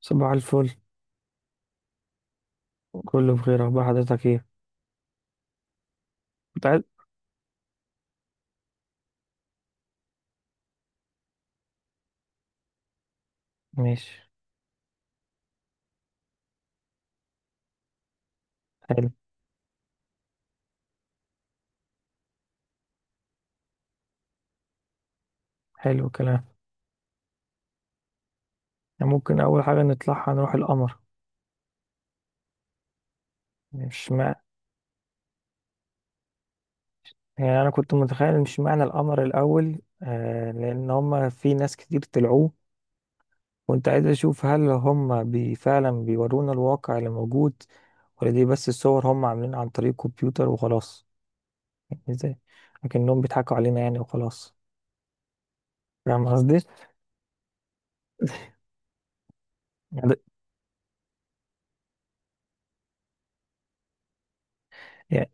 صباح الفل. كله بخير. اخبار حضرتك ايه؟ كنت عايز. ماشي. حلو. حلو الكلام. يعني ممكن اول حاجه نطلعها نروح القمر. مش مع... يعني انا كنت متخيل مش معنى القمر الاول لان هم في ناس كتير طلعوه. كنت عايز اشوف هل هم فعلا بيورونا الواقع اللي موجود، ولا دي بس الصور هم عاملينها عن طريق كمبيوتر وخلاص. يعني ازاي؟ لكنهم بيضحكوا علينا يعني وخلاص. فاهم قصدي؟ يعني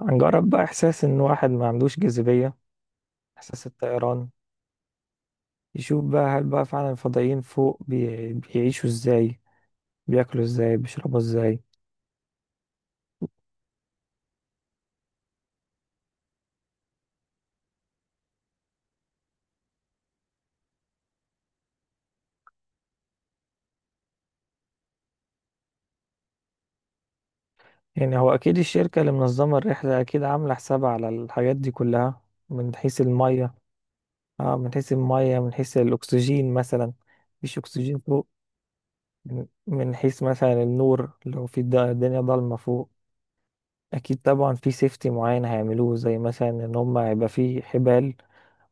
هنجرب بقى احساس ان واحد ما عندوش جاذبيه، إحساس الطيران. يشوف بقى هل بقى فعلا الفضائيين فوق بيعيشوا إزاي، بياكلوا إزاي، بيشربوا إزاي. يعني هو أكيد الشركة اللي منظمة الرحلة أكيد عاملة حسابها على الحاجات دي كلها، من حيث المية. آه، من حيث المية، من حيث الأكسجين مثلا. مفيش أكسجين فوق. من حيث مثلا النور، لو في الدنيا ضلمة فوق، أكيد طبعا في سيفتي معين هيعملوه، زي مثلا إن هما هيبقى في حبال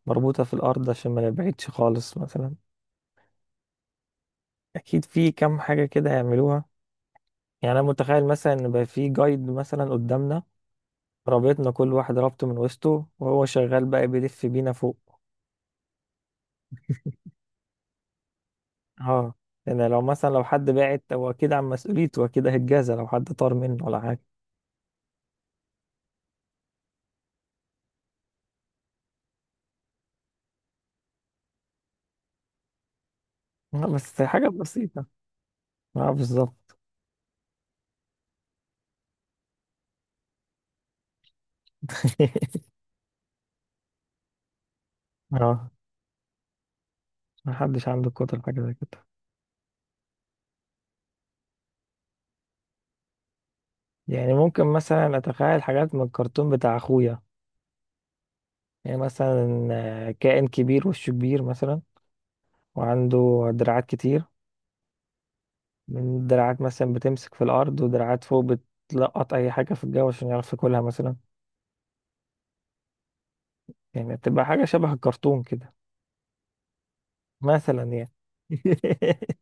مربوطة في الأرض عشان ما نبعدش خالص مثلا. أكيد في كام حاجة كده هيعملوها. يعني انا متخيل مثلا ان بقى في جايد مثلا قدامنا، رابطنا كل واحد رابطه من وسطه، وهو شغال بقى بيلف بينا فوق. اه، لان لو مثلا لو حد بعت هو اكيد عن مسؤوليته، اكيد هيتجازى لو حد طار منه ولا حاجه. بس حاجه بسيطه. اه بالظبط. اه، محدش عنده قدرة حاجه زي كده. يعني ممكن مثلا اتخيل حاجات من الكرتون بتاع اخويا. يعني مثلا كائن كبير وشه كبير مثلا، وعنده دراعات كتير، من دراعات مثلا بتمسك في الأرض ودراعات فوق بتلقط أي حاجة في الجو عشان يعرف ياكلها مثلا. يعني بتبقى حاجة شبه الكرتون كده، مثلا يعني.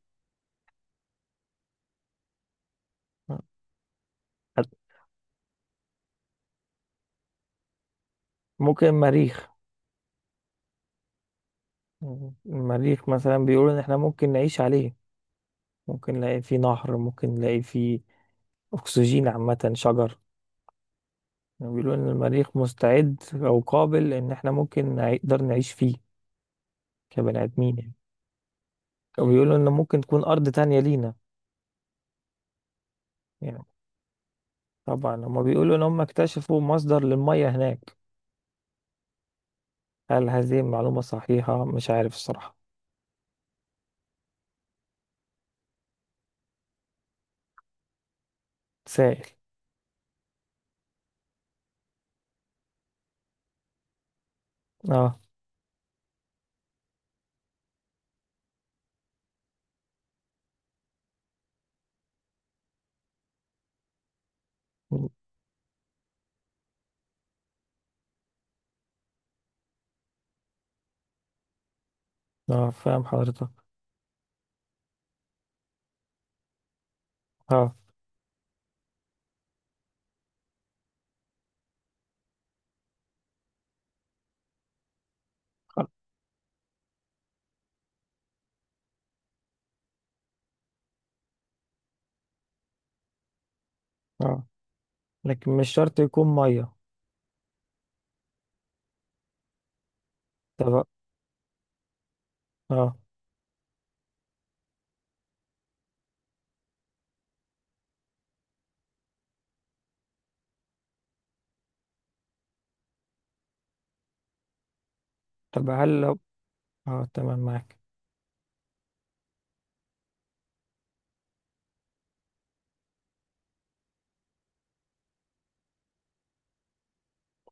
ممكن مريخ. المريخ مثلا بيقولوا إن إحنا ممكن نعيش عليه، ممكن نلاقي فيه نهر، ممكن نلاقي فيه أكسجين، عامة شجر. يعني بيقولوا إن المريخ مستعد أو قابل إن إحنا ممكن نقدر نعيش فيه كبني آدمين يعني، وبيقولوا إن ممكن تكون أرض تانية لينا. يعني طبعا هما بيقولوا ان هم اكتشفوا مصدر للمية هناك. هل هذه المعلومة صحيحة؟ مش عارف الصراحة. سائل. اه. اه فاهم حضرتك. اه. اه لكن مش شرط يكون مية. طب. اه. طب هل لو. اه تمام معاك.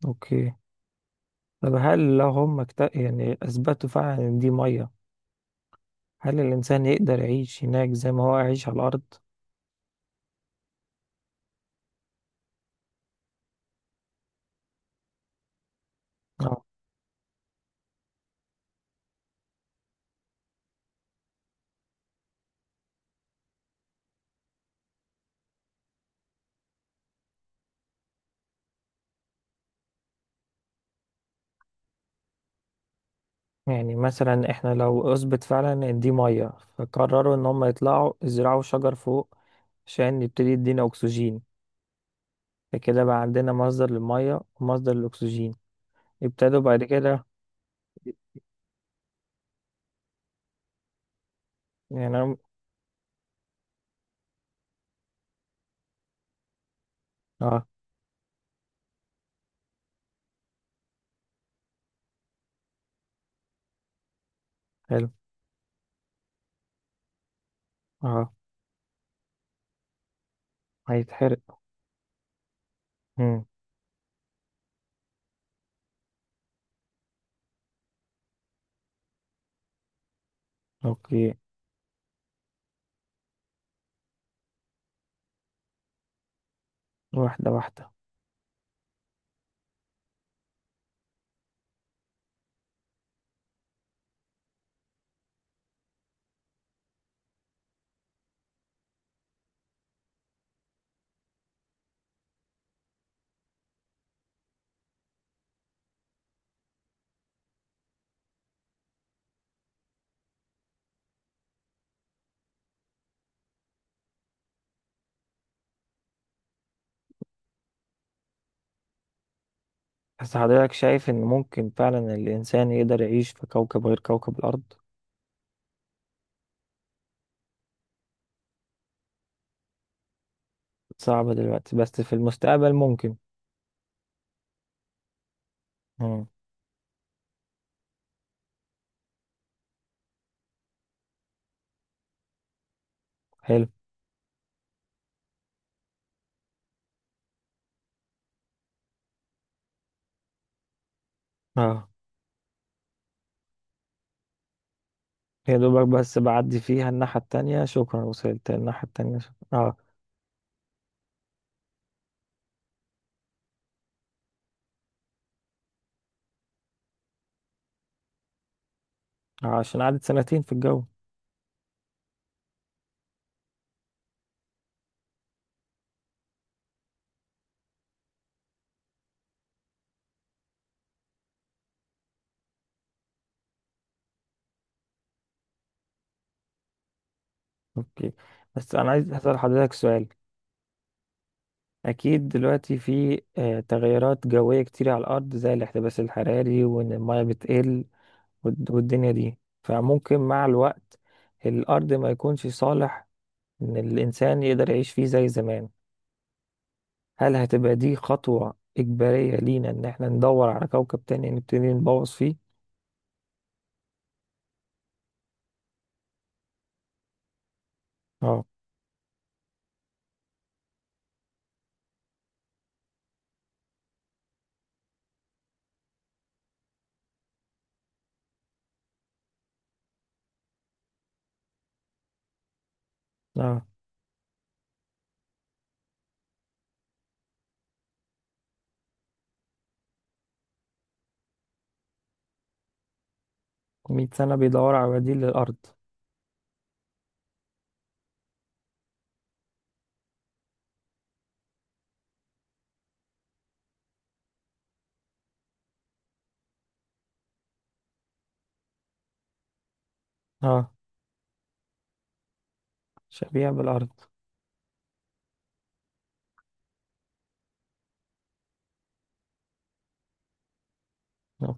اوكي. طب هل لو هم يعني اثبتوا فعلا ان دي مية، هل الانسان يقدر يعيش هناك زي ما هو عايش على الارض؟ آه. يعني مثلا احنا لو اثبت فعلا ان دي ميه، فقرروا ان هم يطلعوا يزرعوا شجر فوق عشان يبتدي يدينا اكسجين، فكده بقى عندنا مصدر للميه ومصدر للاكسجين، ابتدوا بعد كده. يعني هم- اه. حلو. اه هيتحرق. امم. اوكي. واحده واحده. بس حضرتك شايف ان ممكن فعلا الانسان يقدر يعيش في كوكب غير كوكب الارض؟ صعب دلوقتي بس في المستقبل ممكن. امم. حلو. اه. يا دوبك بس بعدي فيها الناحية التانية شكرا، وصلت الناحية التانية شكرا. اه. عشان قعدت سنتين في الجو. اوكي. بس انا عايز اسأل حضرتك سؤال. اكيد دلوقتي في تغيرات جوية كتير على الارض، زي الاحتباس الحراري، وان المية بتقل، والدنيا دي، فممكن مع الوقت الارض ما يكونش صالح ان الانسان يقدر يعيش فيه زي زمان. هل هتبقى دي خطوة اجبارية لينا، ان احنا ندور على كوكب تاني نبتدي نبوظ فيه؟ اه. اه 100 سنة بيدور على بديل للأرض. اه شبيهة بالأرض. آه،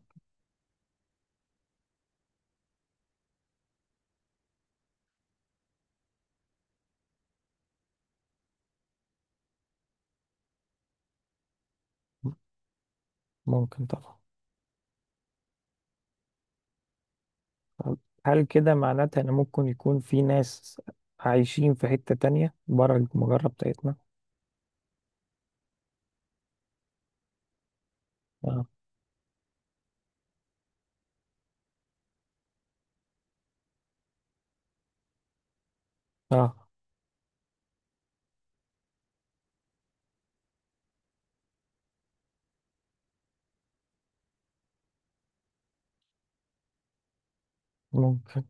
ممكن طبعا. طب هل كده معناتها إن ممكن يكون في ناس عايشين في حتة تانية بره المجرة بتاعتنا؟ اه. اه ممكن.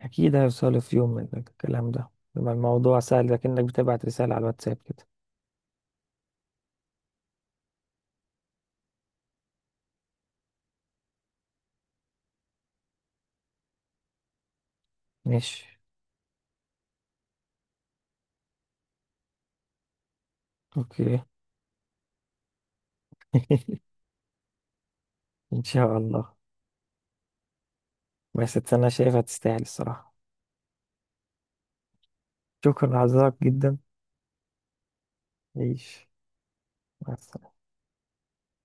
أكيد هيوصلوا في يوم من الكلام ده. يبقى الموضوع سهل لكنك بتبعت رسالة على الواتساب كده. ماشي. أوكي إن شاء الله. بس أنا شايفها تستاهل الصراحة. شكرا لحضرتك جدا. عيش. مع السلامة.